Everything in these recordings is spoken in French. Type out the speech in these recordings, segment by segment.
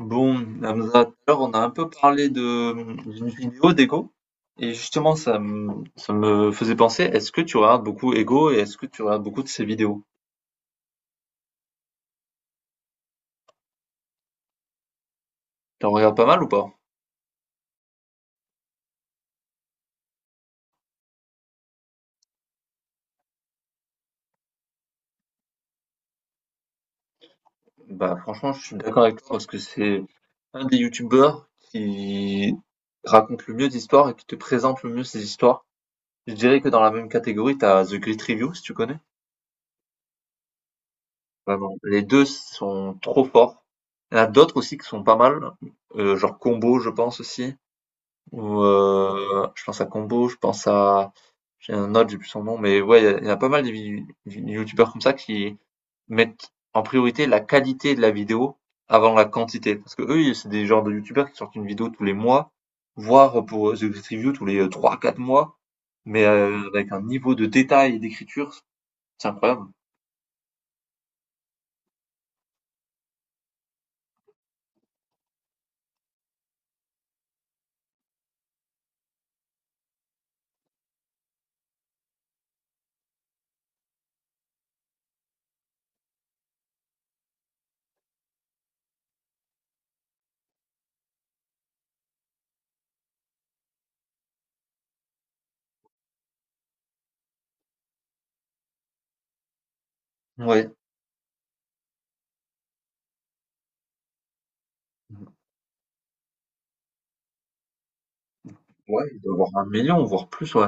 Bon, Hamza, tout à l'heure, on a un peu parlé de d'une vidéo d'Ego, et justement, ça me faisait penser, est-ce que tu regardes beaucoup Ego et est-ce que tu regardes beaucoup de ses vidéos? Tu en regardes pas mal ou pas? Bah, franchement, je suis d'accord avec toi parce que c'est un des youtubeurs qui raconte le mieux d'histoires et qui te présente le mieux ses histoires. Je dirais que dans la même catégorie, t'as The Great Review, si tu connais. Vraiment, les deux sont trop forts. Il y en a d'autres aussi qui sont pas mal, genre Combo, je pense aussi. Ou je pense à Combo, je pense à j'ai un autre, j'ai plus son nom, mais ouais, il y a pas mal de vi vi youtubeurs comme ça qui mettent en priorité la qualité de la vidéo avant la quantité. Parce que eux, ils c'est des genres de youtubeurs qui sortent une vidéo tous les mois, voire pour, The Great Review tous les trois quatre mois, mais avec un niveau de détail et d'écriture, c'est incroyable. Ouais. Ouais, il doit avoir 1 million, voire plus, ouais.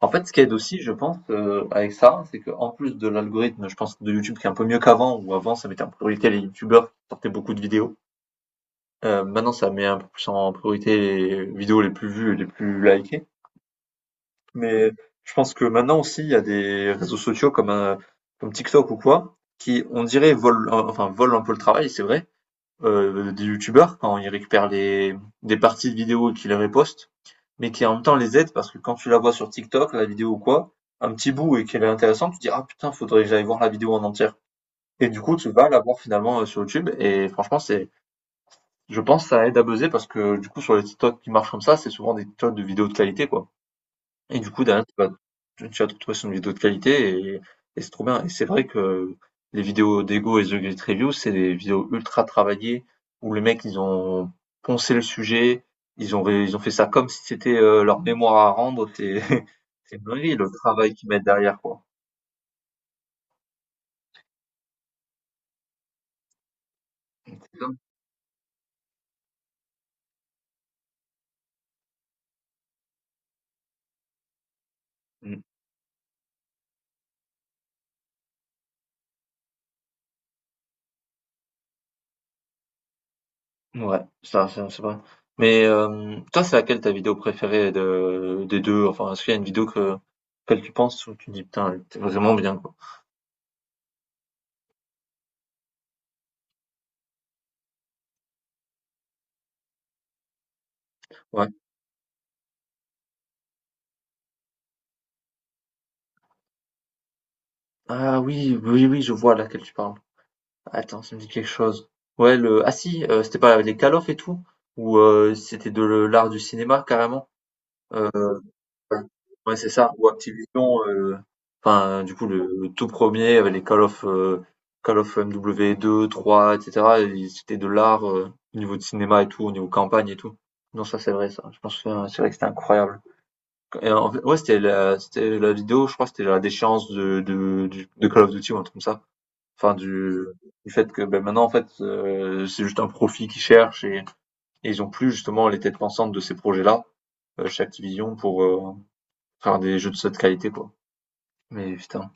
En fait, ce qui aide aussi, je pense, avec ça, c'est que en plus de l'algorithme, je pense, de YouTube qui est un peu mieux qu'avant, ou avant, ça mettait en priorité les youtubeurs qui sortaient beaucoup de vidéos. Maintenant, ça met un peu plus en priorité les vidéos les plus vues et les plus likées. Mais je pense que maintenant aussi, il y a des réseaux sociaux comme, comme TikTok ou quoi, qui, on dirait, volent, volent un peu le travail, c'est vrai, des youtubeurs quand ils récupèrent les, des parties de vidéos et qu'ils les repostent, mais qui en même temps les aident parce que quand tu la vois sur TikTok, la vidéo ou quoi, un petit bout et qu'elle est intéressante, tu te dis ah putain, faudrait que j'aille voir la vidéo en entière. Et du coup, tu vas la voir finalement sur YouTube et franchement, c'est, je pense, que ça aide à buzzer parce que du coup, sur les TikTok qui marchent comme ça, c'est souvent des TikTok de vidéos de qualité quoi. Et du coup, derrière, tu vas te retrouver sur une vidéo de qualité et c'est trop bien. Et c'est vrai que les vidéos d'Ego et The Great Review, c'est des vidéos ultra travaillées où les mecs, ils ont poncé le sujet, ils ont fait ça comme si c'était leur mémoire à rendre. C'est c'est une dinguerie, le travail qu'ils mettent derrière, quoi. C'est ça. Mm. Ouais, ça, c'est vrai. Mais toi, c'est laquelle ta vidéo préférée de, des deux? Enfin, est-ce qu'il y a une vidéo que, auquel tu penses où tu dis, putain, elle était vraiment bien, quoi. Ouais. Ah oui, oui, oui, je vois laquelle tu parles. Attends, ça me dit quelque chose. Ouais, Ah si, c'était pas les Call of et tout? Ou c'était l'art du cinéma, carrément? Euh, ouais, c'est ça. Ou Activision, enfin, du coup, le tout premier, avec les Call of MW2, 3, etc. et cetera et c'était de l'art au niveau de cinéma et tout, au niveau campagne et tout. Non, ça c'est vrai, ça. Je pense que c'est vrai que c'était incroyable. Et en fait, ouais, c'était la vidéo, je crois, que c'était la déchéance de Call of Duty ou un truc comme ça. Enfin du fait que, bah, maintenant en fait, c'est juste un profit qu'ils cherchent et ils ont plus justement les têtes pensantes de ces projets-là, chez Activision pour, faire des jeux de cette qualité quoi. Mais putain.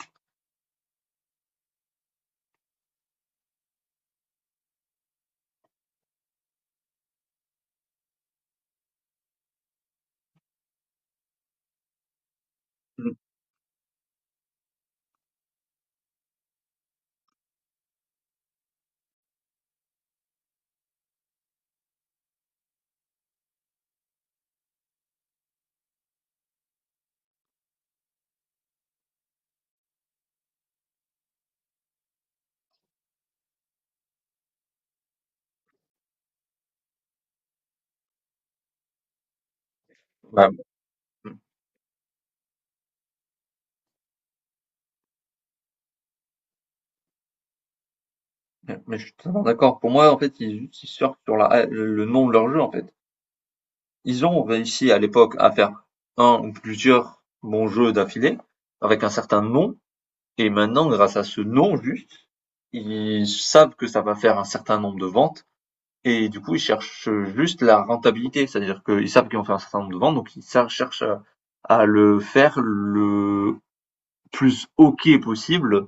Mmh. Bah, mmh, mais je suis totalement d'accord. Pour moi en fait, ils surfent sur la, le nom de leur jeu en fait. Ils ont réussi à l'époque à faire un ou plusieurs bons jeux d'affilée, avec un certain nom et maintenant grâce à ce nom juste, ils savent que ça va faire un certain nombre de ventes. Et du coup, ils cherchent juste la rentabilité, c'est-à-dire qu'ils savent qu'ils vont faire un certain nombre de ventes, donc ils cherchent à le faire le plus OK possible,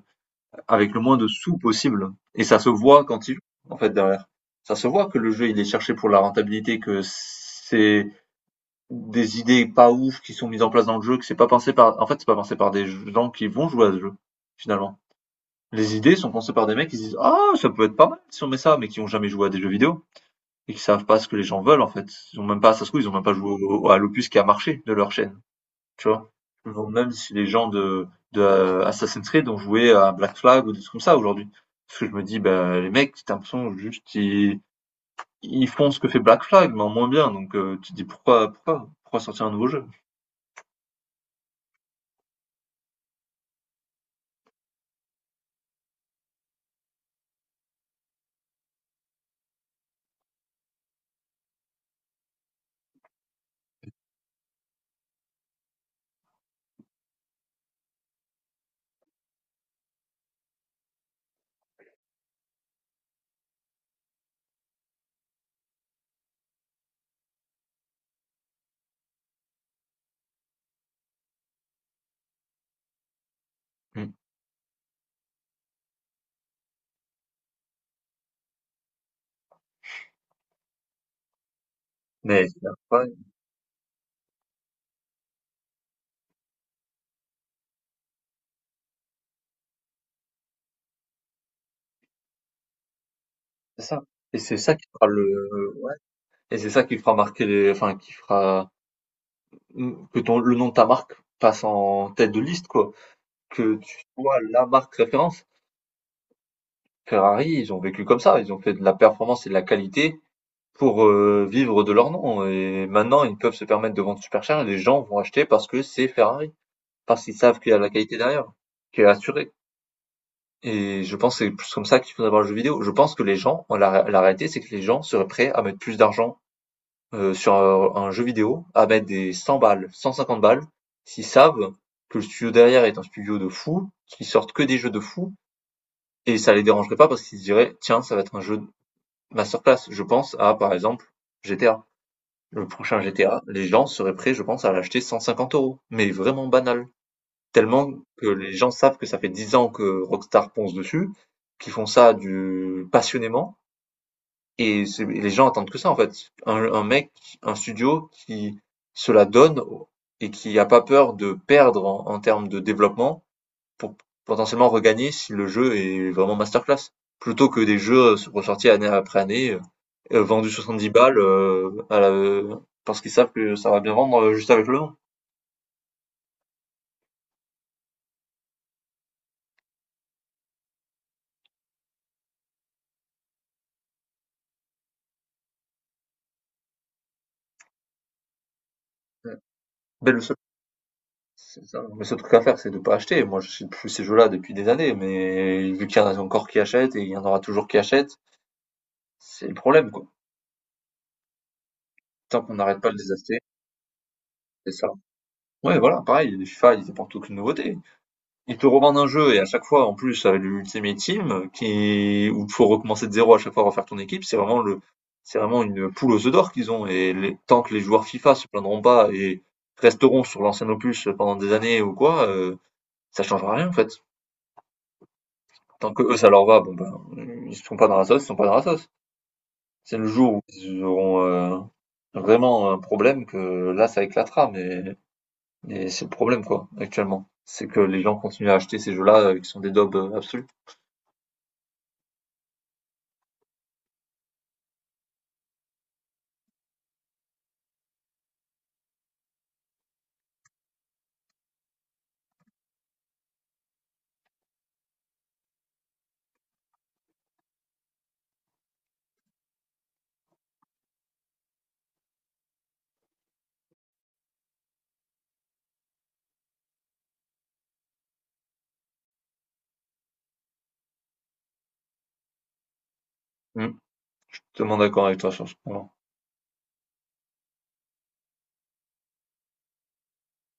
avec le moins de sous possible. Et ça se voit quand ils jouent, en fait, derrière. Ça se voit que le jeu, il est cherché pour la rentabilité, que c'est des idées pas ouf qui sont mises en place dans le jeu, que c'est pas pensé par, en fait, c'est pas pensé par des gens qui vont jouer à ce jeu, finalement. Les idées sont pensées par des mecs qui se disent, ah, ça peut être pas mal si on met ça, mais qui ont jamais joué à des jeux vidéo et qui savent pas ce que les gens veulent en fait. Ils ont même pas, ça se trouve, ils ont même pas joué à l'opus qui a marché de leur chaîne, tu vois. Je me demande même si les gens de, de Assassin's Creed ont joué à Black Flag ou des trucs comme ça aujourd'hui. Parce que je me dis, bah, les mecs, t'as l'impression juste, ils font ce que fait Black Flag, mais en moins bien. Donc, tu te dis, pourquoi, pourquoi, pourquoi sortir un nouveau jeu? Mm. Mais c'est pas- c'est ça. Et c'est ça qui fera le, ouais. Et c'est ça qui fera marquer les, enfin, qui fera que ton, le nom de ta marque passe en tête de liste, quoi. Que tu sois la marque référence. Ferrari, ils ont vécu comme ça, ils ont fait de la performance et de la qualité pour vivre de leur nom. Et maintenant, ils peuvent se permettre de vendre super cher et les gens vont acheter parce que c'est Ferrari, parce qu'ils savent qu'il y a de la qualité derrière, qui est assurée. Et je pense que c'est plus comme ça qu'il faut avoir le jeu vidéo. Je pense que les gens, la réalité, c'est que les gens seraient prêts à mettre plus d'argent sur un jeu vidéo, à mettre des 100 balles, 150 balles, s'ils savent que le studio derrière est un studio de fou, qui sortent que des jeux de fou. Et ça les dérangerait pas parce qu'ils se diraient, tiens, ça va être un jeu de masterclass. Je pense à, par exemple, GTA. Le prochain GTA, les gens seraient prêts, je pense, à l'acheter 150 euros. Mais vraiment banal. Tellement que les gens savent que ça fait 10 ans que Rockstar ponce dessus, qu'ils font ça du passionnément. Et les gens attendent que ça, en fait. Un mec, un studio qui se la donne et qui a pas peur de perdre en termes de développement pour potentiellement regagner si le jeu est vraiment masterclass. Plutôt que des jeux ressortis année après année, vendus 70 balles parce qu'ils savent que ça va bien vendre juste avec le nom. Ouais. Ben, le seul, c'est ça, le seul truc à faire, c'est de pas acheter. Moi, je sais plus ces jeux-là depuis des années, mais vu qu'il y en a encore qui achètent et il y en aura toujours qui achètent, c'est le problème, quoi. Tant qu'on n'arrête pas de les acheter, c'est ça. Ouais, voilà, pareil, les FIFA, ils apportent aucune nouveauté. Ils te revendent un jeu et à chaque fois, en plus, avec l'Ultimate Team, qui, où il faut recommencer de zéro à chaque fois, refaire ton équipe, c'est vraiment une poule aux œufs d'or qu'ils ont. Et tant que les joueurs FIFA se plaindront pas et resteront sur l'ancien opus pendant des années ou quoi, ça changera rien en fait. Tant que eux ça leur va, bon ben ils sont pas dans la sauce, ils sont pas dans la sauce. C'est le jour où ils auront vraiment un problème que là ça éclatera, mais c'est le problème quoi actuellement. C'est que les gens continuent à acheter ces jeux-là qui sont des daubes absolues. Totalement d'accord avec toi sur ce point.